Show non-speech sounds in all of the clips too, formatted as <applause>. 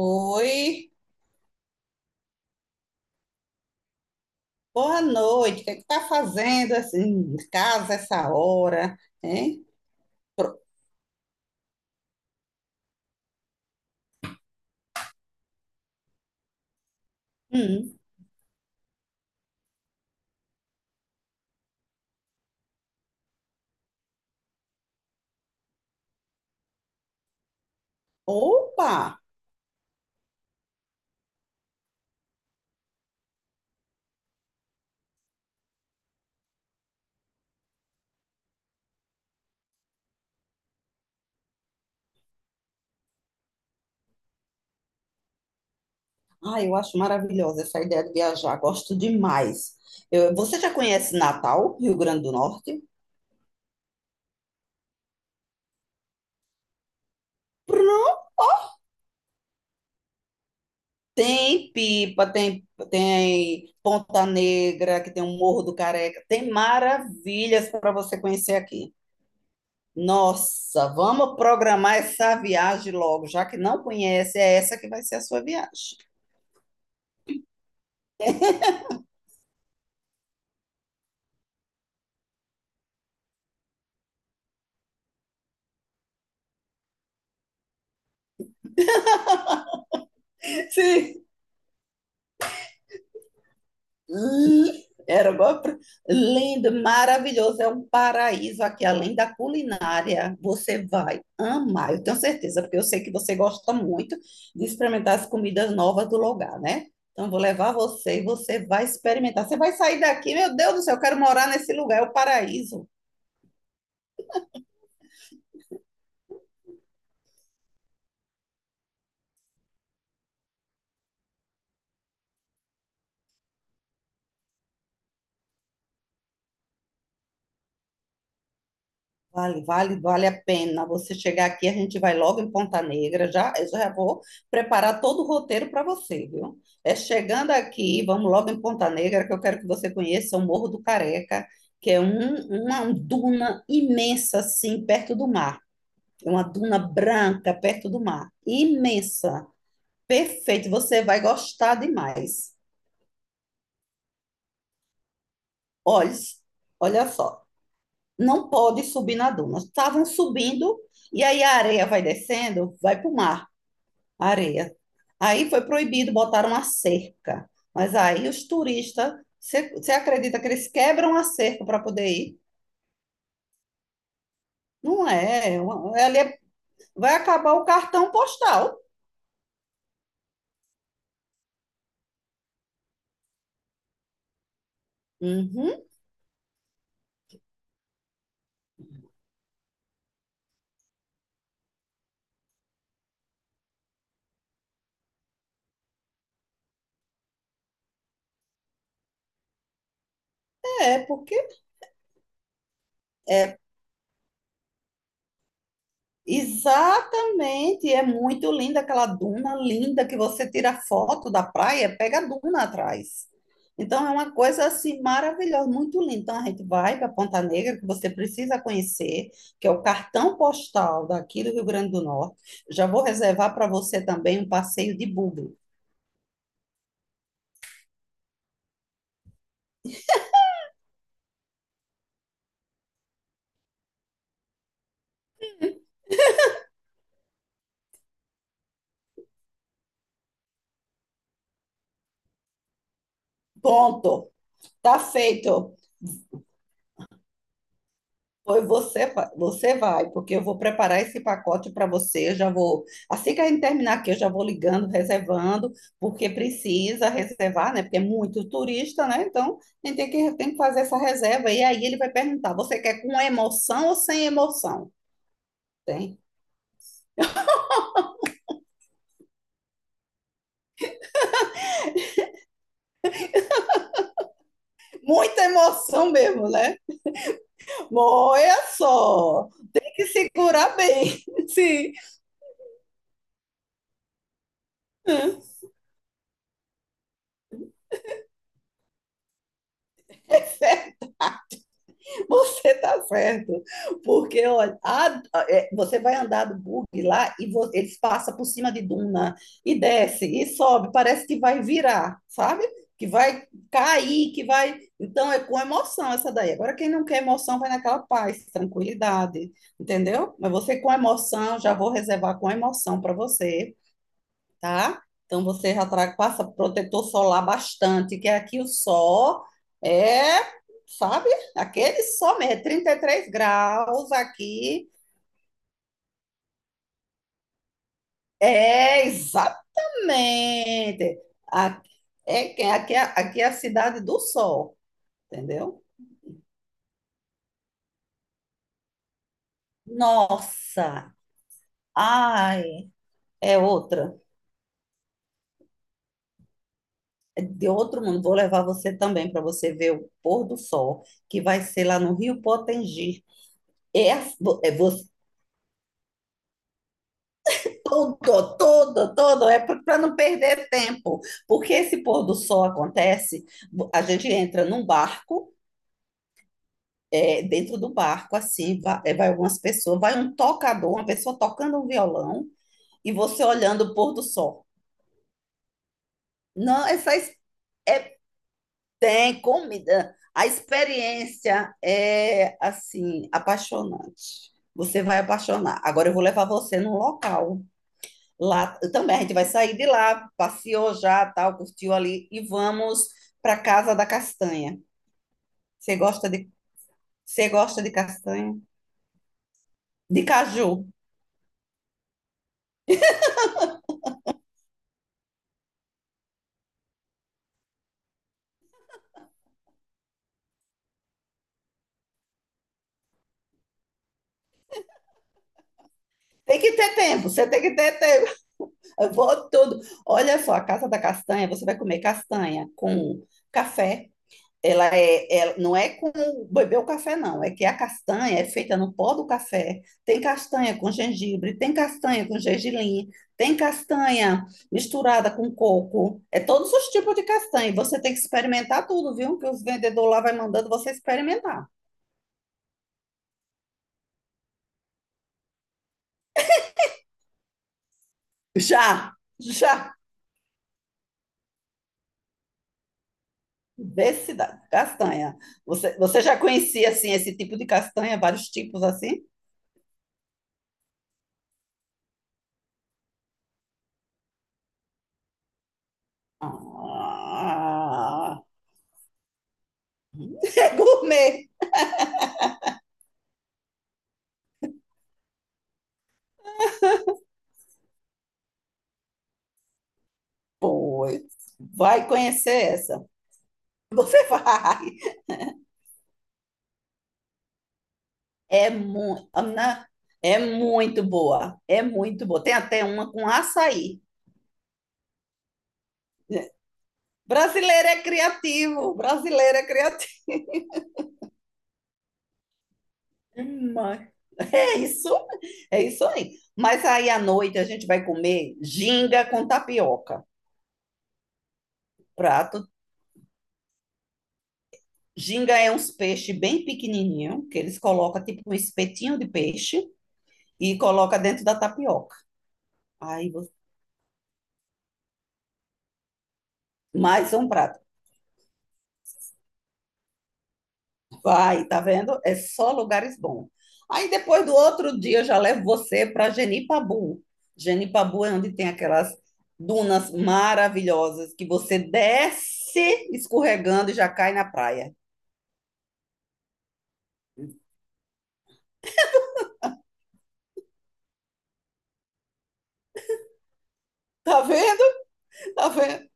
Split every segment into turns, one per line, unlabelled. Oi, boa noite. O que é que tá fazendo assim em casa essa hora, hein? Pro- Hum. Opa! Ai, eu acho maravilhosa essa ideia de viajar. Gosto demais. Você já conhece Natal, Rio Grande do Norte? Tem Pipa, tem, tem Ponta Negra, que tem o Morro do Careca. Tem maravilhas para você conhecer aqui. Nossa, vamos programar essa viagem logo, já que não conhece, é essa que vai ser a sua viagem. Sim. Hum, era lindo, maravilhoso. É um paraíso aqui, além da culinária. Você vai amar, eu tenho certeza, porque eu sei que você gosta muito de experimentar as comidas novas do lugar, né? Então, eu vou levar você e você vai experimentar. Você vai sair daqui, meu Deus do céu, eu quero morar nesse lugar, é o paraíso. Vale, vale, vale a pena. Você chegar aqui, a gente vai logo em Ponta Negra. Já, eu já vou preparar todo o roteiro para você, viu? É chegando aqui, vamos logo em Ponta Negra, que eu quero que você conheça o Morro do Careca, uma duna imensa, assim, perto do mar. É uma duna branca perto do mar. Imensa. Perfeito, você vai gostar demais. Olha, olha só, não pode subir na duna. Estavam subindo e aí a areia vai descendo, vai para o mar. Areia. Aí foi proibido, botaram a cerca. Mas aí os turistas, você acredita que eles quebram a cerca para poder ir? Não é, é vai acabar o cartão postal. Uhum, é, porque é exatamente, é muito linda aquela duna linda que você tira foto da praia, pega a duna atrás. Então é uma coisa assim maravilhosa, muito linda. Então a gente vai para Ponta Negra, que você precisa conhecer, que é o cartão postal daqui do Rio Grande do Norte. Já vou reservar para você também um passeio de buggy. Pronto, tá feito. Você vai, porque eu vou preparar esse pacote para você. Eu já vou, assim que a gente terminar aqui, eu já vou ligando, reservando, porque precisa reservar, né? Porque é muito turista, né? Então, a gente tem que fazer essa reserva. E aí ele vai perguntar: você quer com emoção ou sem emoção? Tem muita emoção mesmo, né? Olha só, tem que segurar bem. <laughs> Sim. <laughs> <laughs> Você está certo. Porque, você vai andar do bug lá, e eles passam por cima de duna e desce e sobe. Parece que vai virar, sabe? Que vai cair, que vai. Então é com emoção essa daí. Agora, quem não quer emoção vai naquela paz, tranquilidade, entendeu? Mas você com emoção, já vou reservar com emoção para você, tá? Então você passa protetor solar bastante, que aqui é, sabe? Aquele sol mesmo, é 33 graus aqui. É, exatamente. A- Aqui é a cidade do sol, entendeu? Nossa! Ai, é outra. É de outro mundo. Vou levar você também para você ver o pôr do sol, que vai ser lá no Rio Potengi. É, a- vo- é, Tudo, tudo, tudo. É para não perder tempo. Porque esse pôr do sol acontece, a gente entra num barco, é, dentro do barco, assim, vai, é, vai algumas pessoas, vai um tocador, uma pessoa tocando um violão e você olhando o pôr do sol. Não, essa es- é, Tem comida. A experiência é, assim, apaixonante. Você vai apaixonar. Agora eu vou levar você num local. Lá também, a gente vai sair de lá, passeou já, tal, curtiu ali e vamos para Casa da Castanha. Você gosta de, Você gosta de castanha? De caju. Tem que ter tempo, você tem que ter tempo. Eu vou tudo. Olha só, a Casa da Castanha, você vai comer castanha com café. Não é com beber o café, não. É que a castanha é feita no pó do café. Tem castanha com gengibre, tem castanha com gergelim, tem castanha misturada com coco. É todos os tipos de castanha. E você tem que experimentar tudo, viu? Que os vendedores lá vai mandando você experimentar. Já, já. Vê se dá. Castanha. Você já conhecia, assim, esse tipo de castanha? Vários tipos, assim? Ah, <laughs> é gourmet. Pois, vai conhecer essa. <laughs> Você vai. É muito, Ana, é muito boa. É muito boa. Tem até uma com açaí. Brasileiro é criativo, brasileiro é criativo. Mas É isso, é isso aí. Mas aí à noite a gente vai comer ginga com tapioca. Prato. Ginga é uns peixes bem pequenininho, que eles colocam tipo um espetinho de peixe e coloca dentro da tapioca. Aí, você- Mais um prato. Vai, tá vendo? É só lugares bons. Aí depois do outro dia eu já levo você para Genipabu. Genipabu é onde tem aquelas dunas maravilhosas que você desce escorregando e já cai na praia. Tá vendo? Tá vendo?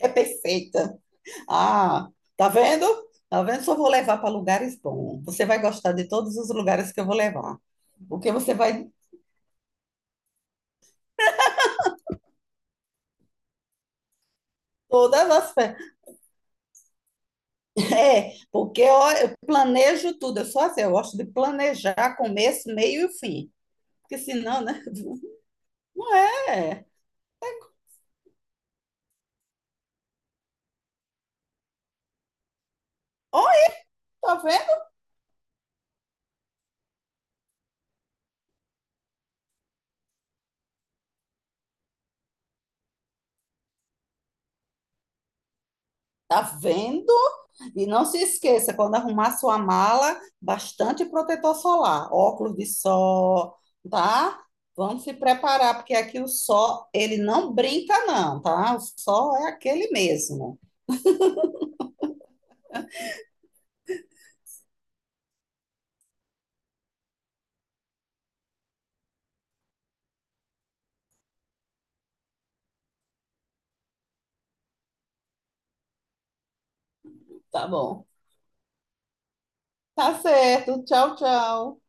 É perfeita. Ah, tá vendo? Tá vendo? Só vou levar para lugares bons. Você vai gostar de todos os lugares que eu vou levar. Porque você vai todas as férias <laughs> é, porque ó, eu planejo tudo. Eu sou assim, eu gosto de planejar começo, meio e fim. Porque senão, né? <laughs> Não é. Olha, tá vendo? Tá vendo? E não se esqueça, quando arrumar sua mala, bastante protetor solar, óculos de sol, tá? Vamos se preparar, porque aqui o sol, ele não brinca, não, tá? O sol é aquele mesmo. Tá bom. Tá certo. Tchau, tchau.